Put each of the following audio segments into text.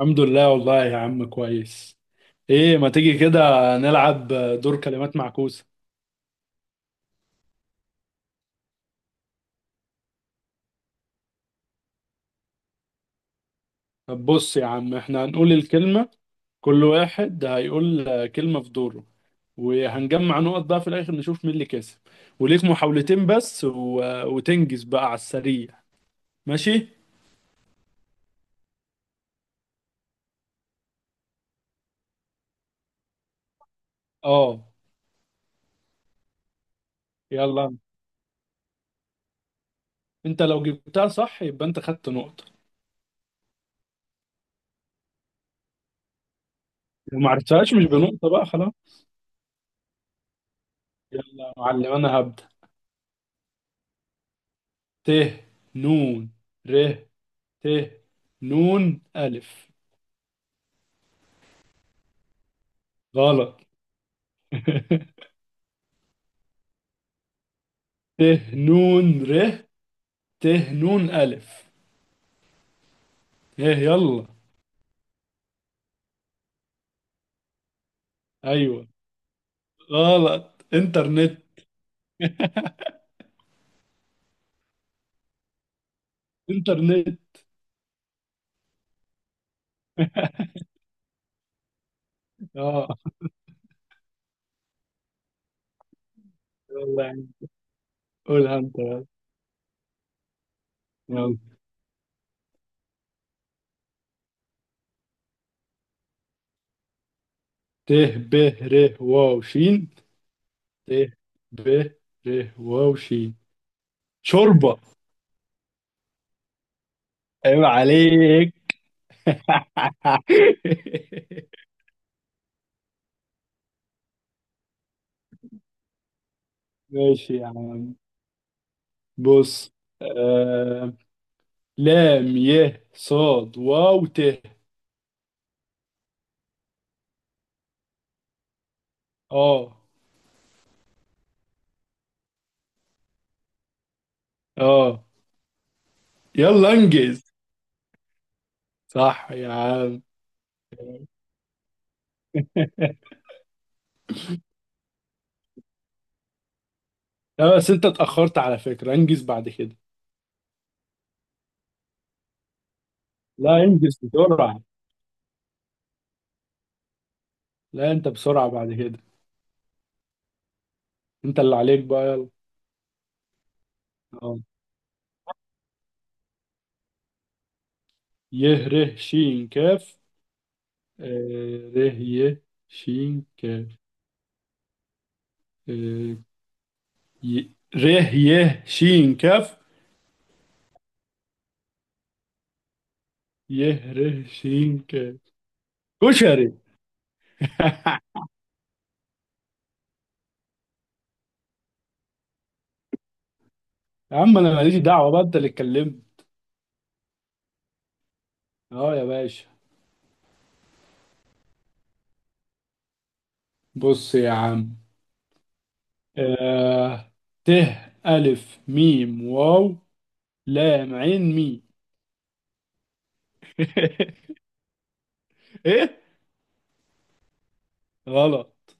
الحمد لله والله يا عم كويس. ايه ما تيجي كده نلعب دور كلمات معكوسة. طب بص يا عم، احنا هنقول الكلمة، كل واحد هيقول كلمة في دوره، وهنجمع نقط بقى في الاخر نشوف مين اللي كسب. وليك محاولتين بس و... وتنجز بقى على السريع. ماشي. اه يلا. انت لو جبتها صح يبقى انت خدت نقطة، لو ما عرفتهاش مش بنقطة بقى، خلاص. يلا يا معلم انا هبدأ. ت، نون، ر، ت، نون ألف. غلط. ت، نون ر، ت، نون ألف. ايه يلا. ايوه. غلط، انترنت. انترنت. اه. يلا يا عم، قولها انت بقى. يلا. ت، ب، ر، واو شين. ت، ب، ر، واو شين. شوربة. عيب عليك. ماشي يا عم. بص. آه... لام ي صاد واو ت. اه. اه. يلا انجز. صح يا عم. لا بس انت اتأخرت على فكرة، انجز بعد كده. لا انجز بسرعة. لا انت بسرعة بعد كده. انت اللي عليك بقى يلا. اه. يه ره شين كاف. ره يه شين كاف. آه، ره يه شين كاف. يه ره شين كاف. كشري. يا عم انا ماليش دعوة بقى، انت اللي اتكلمت. اه يا باشا. بص يا عم. آه ت، ألف ميم واو، لام عين مي. إيه. غلط.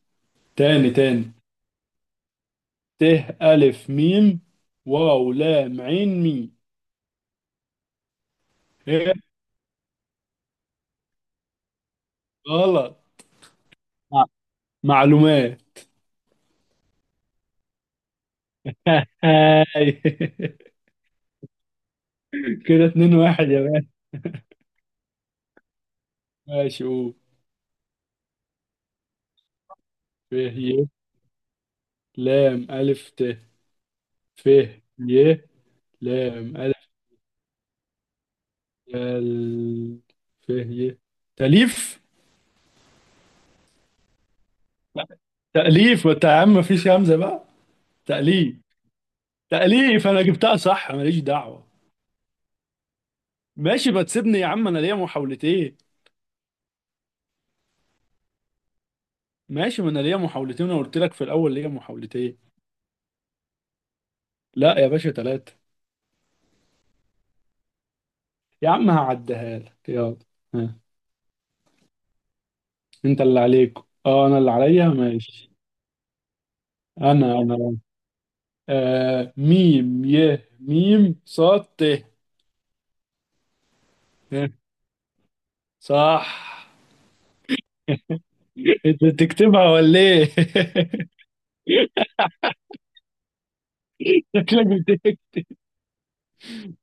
تاني تاني. ت، ألف ميم واو، لام عين مي. إيه. غلط. مع- معلومات. هاي. كده 2-1 يا مان. ماشي قول. ف ي، لام ألف ت. ف ي، لام ألف. ال ف ي. تأليف. لا، تأليف. وانت يا عم مفيش همزة بقى؟ تأليف. تأليف انا جبتها صح، ماليش دعوة. ماشي، ما تسيبني يا عم، انا ليا محاولتين. ماشي، ما انا ليا محاولتين، انا قلت لك في الاول ليا محاولتين. لا يا باشا، ثلاثة. يا عم هعديها لك، يلا. ها. انت اللي عليك. اه انا اللي عليا، ماشي. انا انا. ميم ي ميم صاد ت. ها، صح. انت بتكتبها ولا ايه؟ شكلك بتكتب.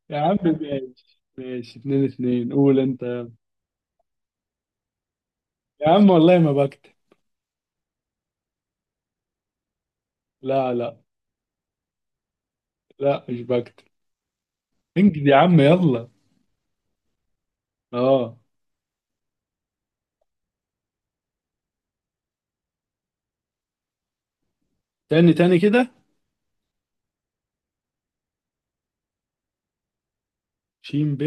يا عم ماشي ماشي، 2-2، قول انت. يا عم والله ما بكتب. لا لا. لا مش بكتب. انجز يا عم يلا. اه. تاني تاني كده. شين ب،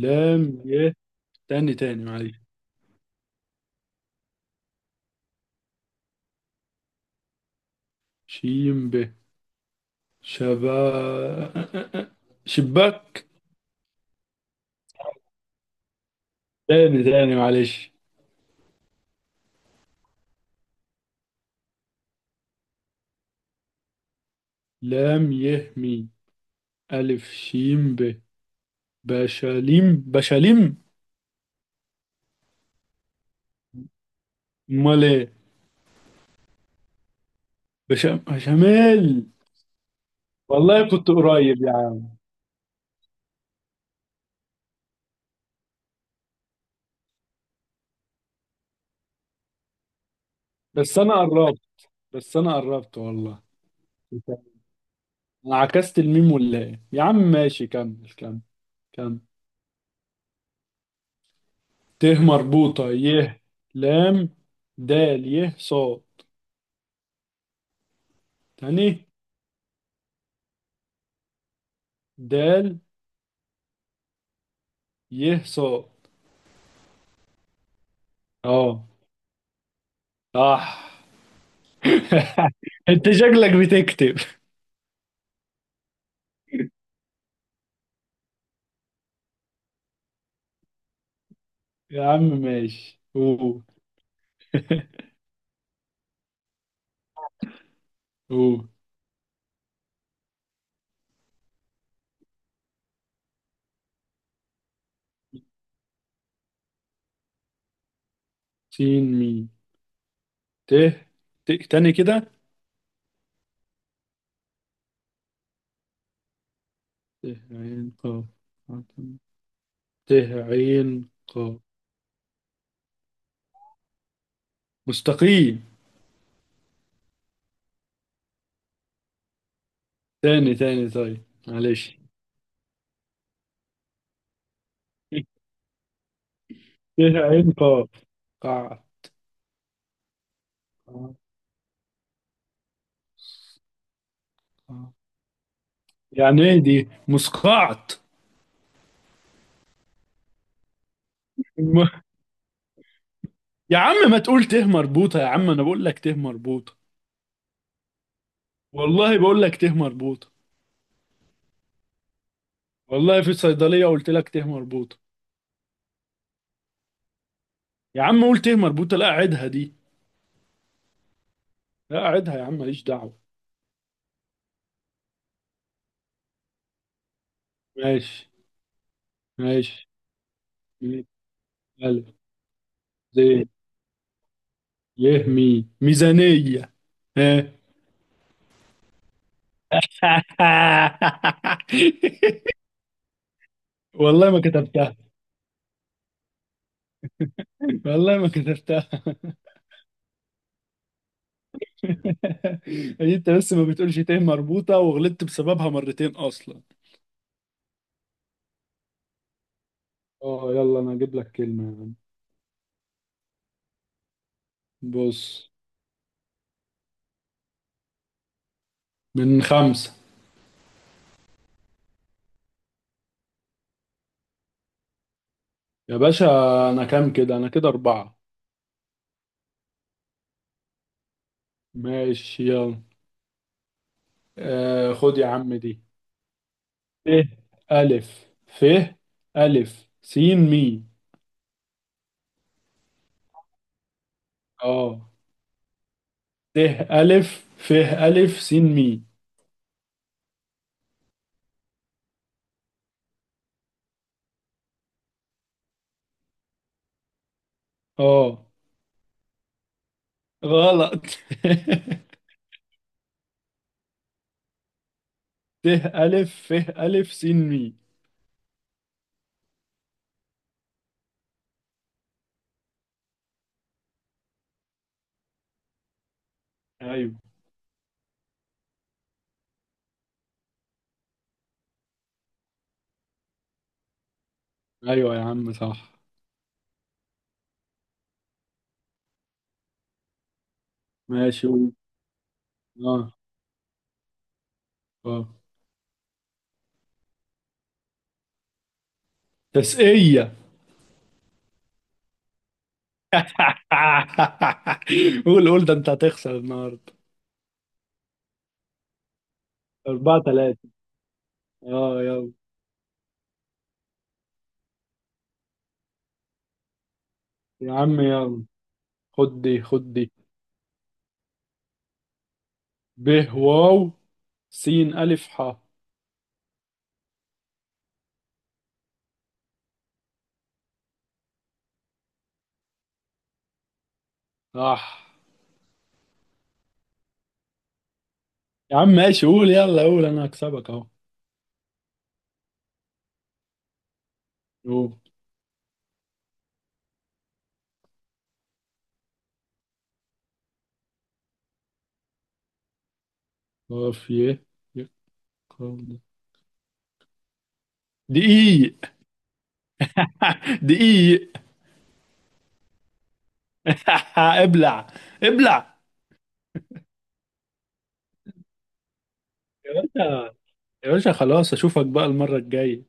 لام ي. تاني تاني معلش. شين ب. شبا. شباك. تاني تاني معلش. لام ي مي، ألف شين ب. بشاليم بشاليم. امال ايه؟ بشاميل. والله كنت قريب يا عم. بس انا قربت، بس انا قربت والله. انا عكست الميم ولا ايه؟ يا عم ماشي، كمل كمل. كمل. ت مربوطة ي، لام، دال ي صا. تاني. دال ي صا. اه. صح. انت شكلك بتكتب. يا عم ماشي، قول. قول. سين ميم. ت. ت تاني كده. ت، عين قاف. ت، عين قاف. مستقيم. تاني تاني طيب معلش. ت، عين قاف. قاع قاع- قاع. يعني ايه دي، مسقعت؟ يا عم ما تقول ته مربوطة، يا عم أنا بقول لك ته مربوطة. والله بقول لك ته مربوطة. والله في الصيدلية قلت لك ته مربوطة. يا عم قول ته مربوطة، لا أعدها دي. لا أعدها يا عم، ماليش دعوة. ماشي. ماشي. مية. ألف. زين. يه مي، ميزانية. ها. والله ما كتبتها. والله ما كتبتها. هي انت بس ما بتقولش ته مربوطة، وغلطت بسببها مرتين اصلا. اه يلا انا اجيب لك كلمة يا عم. بص. من خمسة. يا باشا، أنا كام كده؟ أنا كده أربعة. ماشي يلا. خد يا عم دي. ت، ألف، ف، ألف س، مي. اه. ت، ألف، ف، ألف س مي. اه. غلط. ت، ألف ف ألف س مي. أيوه. أيوه يا عم صح. ماشي قول. اه. اه. تسقية. قول قول، ده أنت هتخسر النهاردة. 4-3. اه يلا. يا عم يلا، خد دي خد دي. ب، واو، س ألف ح. صح. يا عم ماشي قول، يلا قول، أنا هكسبك أهو. قول. قاف ي. ي- قاف د. دقيق. دقيق. ابلع، ابلع. يا باشا، يا باشا خلاص، أشوفك بقى المرة الجاية.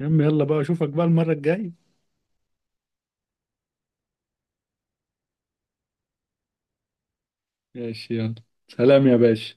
يا عم يلا بقى، أشوفك بقى المرة الجاية. ماشي يلا. سلام يا باشا.